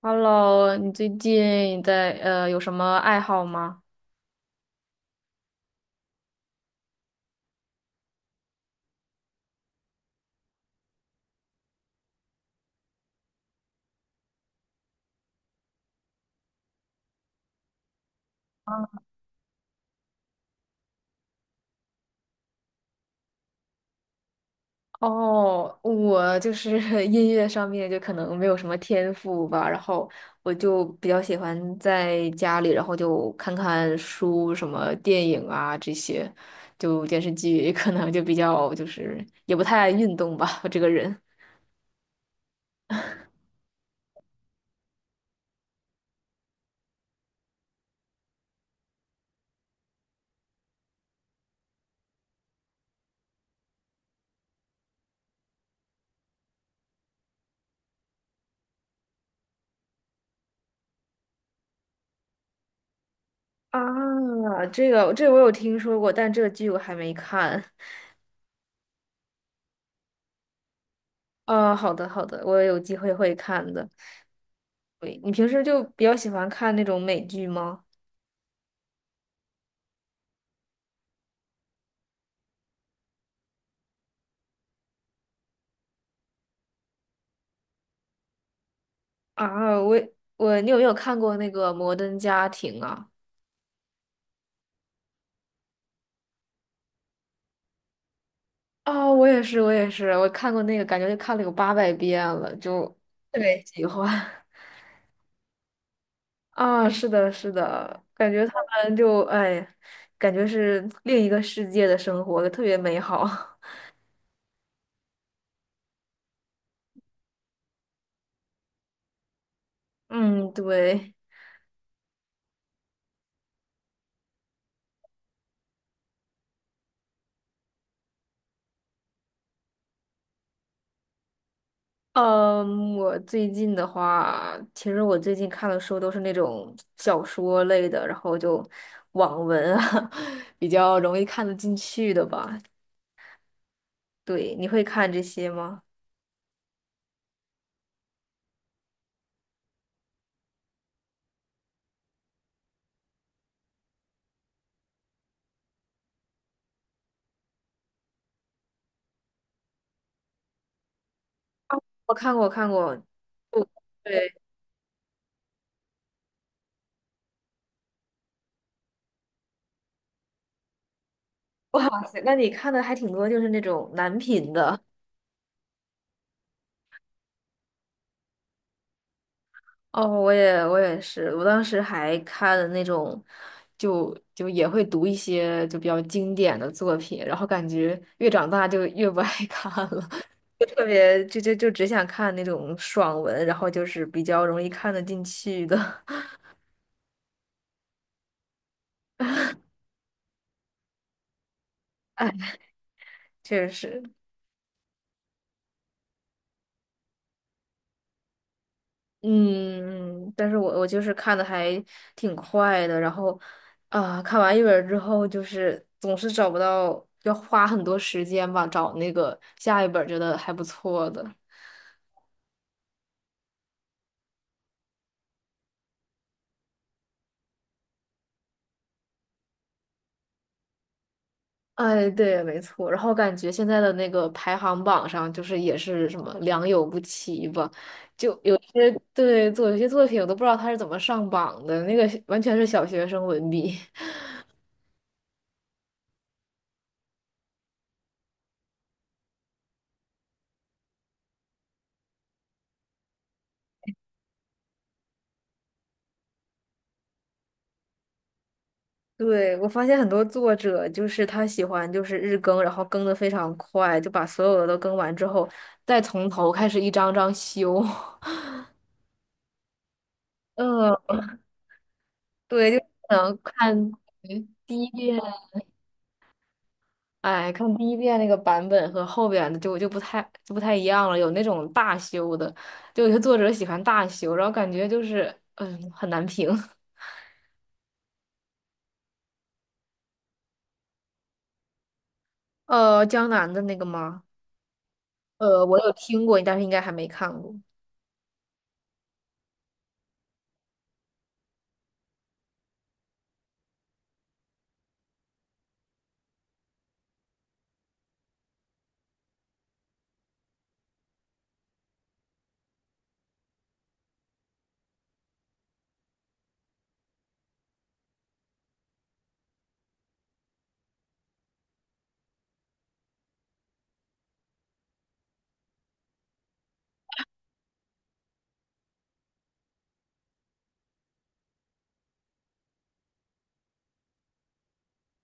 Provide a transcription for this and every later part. Hello，你最近在有什么爱好吗？啊哦，我就是 音乐上面就可能没有什么天赋吧，然后我就比较喜欢在家里，然后就看看书、什么电影啊这些，就电视剧 可能就比较就是也不太爱运动吧，我这个人。啊，这个我有听说过，但这个剧我还没看。啊，好的好的，我有机会会看的。对，你平时就比较喜欢看那种美剧吗？啊，我也我你有没有看过那个《摩登家庭》啊？啊，我也是，我也是，我看过那个，感觉就看了有八百遍了，就特别喜欢。啊，是的，是的，感觉他们就哎，感觉是另一个世界的生活，特别美好。嗯，对。嗯，我最近的话，其实我最近看的书都是那种小说类的，然后就网文啊，比较容易看得进去的吧。对，你会看这些吗？我看过，看过。不，对，哇塞，那你看的还挺多，就是那种男频的。哦，我也我也是，我当时还看了那种，就也会读一些就比较经典的作品，然后感觉越长大就越不爱 看了，就特别就只想看那种爽文，然后就是比较容易看得进去的。哎，确实。嗯，但是我就是看的还挺快的，然后啊，看完一本儿之后，就是总是找不到，要花很多时间吧，找那个下一本儿觉得还不错的。哎，对，没错。然后感觉现在的那个排行榜上，就是也是什么良莠不齐吧，就有些有些作品，我都不知道他是怎么上榜的，那个完全是小学生文笔。对，我发现很多作者就是他喜欢就是日更，然后更的非常快，就把所有的都更完之后，再从头开始一张张修。嗯，对，就可能看第一遍。哎，看第一遍那个版本和后边的就不太一样了，有那种大修的，就有些作者喜欢大修，然后感觉就是很难评。呃，江南的那个吗？我有听过，但是应该还没看过。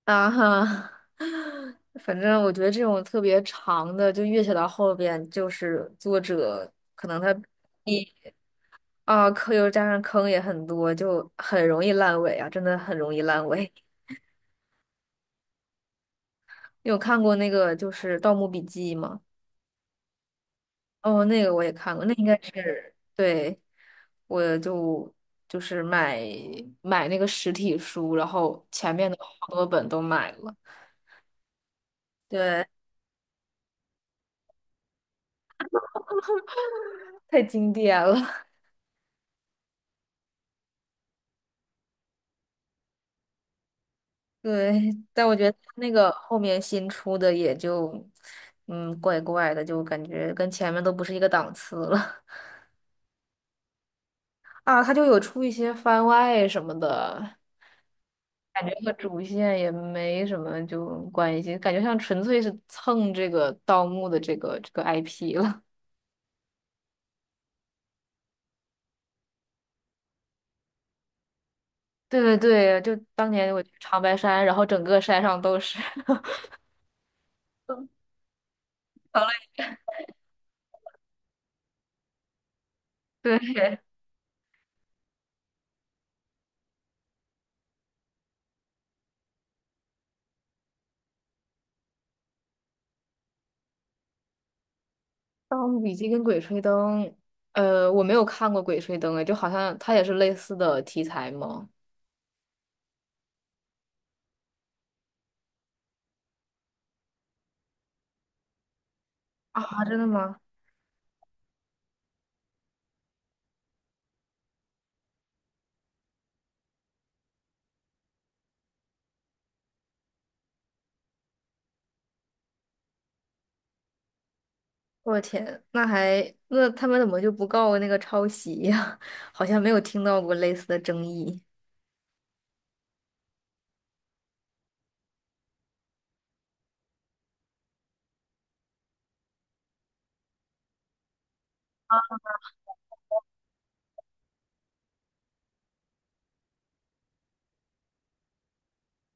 啊哈。反正我觉得这种特别长的，就越写到后边，就是作者可能他一啊坑又加上坑也很多，就很容易烂尾啊，真的很容易烂尾。你有看过那个就是《盗墓笔记》吗？哦，那个我也看过，那应该是对，我就是买那个实体书，然后前面的好多本都买了，对，太经典了。对，但我觉得那个后面新出的也就，嗯，怪怪的，就感觉跟前面都不是一个档次了。 啊，它就有出一些番外什么的，感觉和主线也没什么就关系，感觉像纯粹是蹭这个盗墓的这个 IP 了。对对对，就当年我去长白山，然后整个山上都是。好嘞，对，《盗墓笔记》跟《鬼吹灯》，呃，我没有看过《鬼吹灯》哎，就好像它也是类似的题材吗？啊，真的吗？我的天，那他们怎么就不告那个抄袭呀？好像没有听到过类似的争议。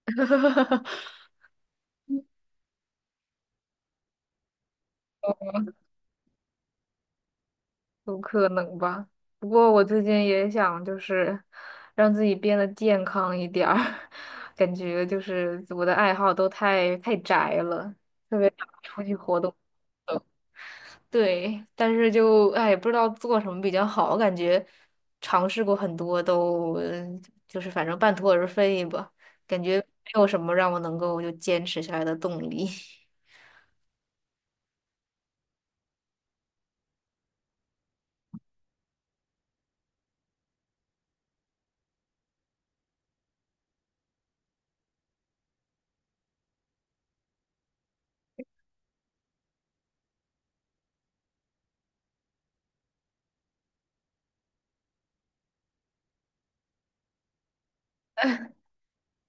有可能吧。不过我最近也想就是让自己变得健康一点儿，感觉就是我的爱好都太太宅了，特别想出去活动。对，但是就哎，不知道做什么比较好，感觉尝试过很多都，就是反正半途而废吧，感觉没有什么让我能够就坚持下来的动力。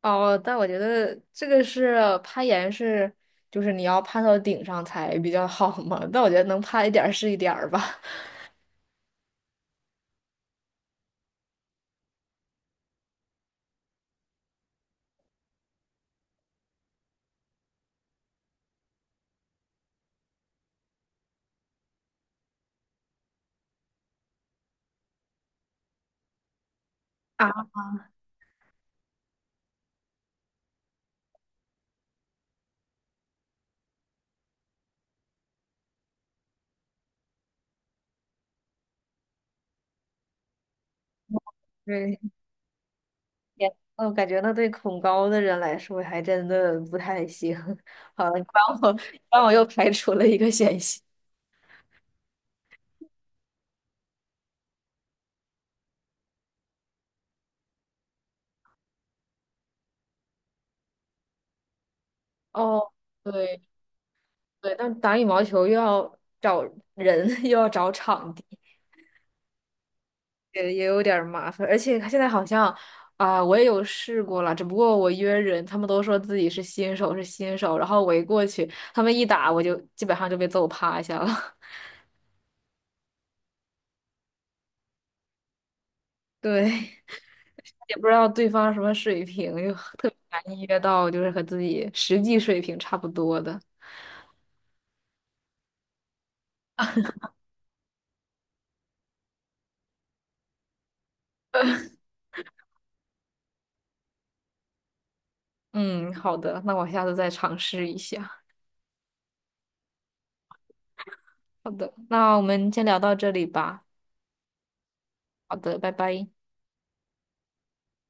哦，但我觉得这个是攀岩是，就是你要攀到顶上才比较好嘛。但我觉得能攀一点儿是一点儿吧。啊，对，我感觉那对恐高的人来说还真的不太行。好了，你帮我又排除了一个险项。哦，对对，但打羽毛球又要找人，又要找场地。也有点儿麻烦，而且现在好像啊、我也有试过了，只不过我约人，他们都说自己是新手，是新手，然后我一过去，他们一打，我就基本上就被揍趴下了。对，也不知道对方什么水平，就特别难约到，就是和自己实际水平差不多的。嗯，好的，那我下次再尝试一下。好的，那我们先聊到这里吧。好的，拜拜。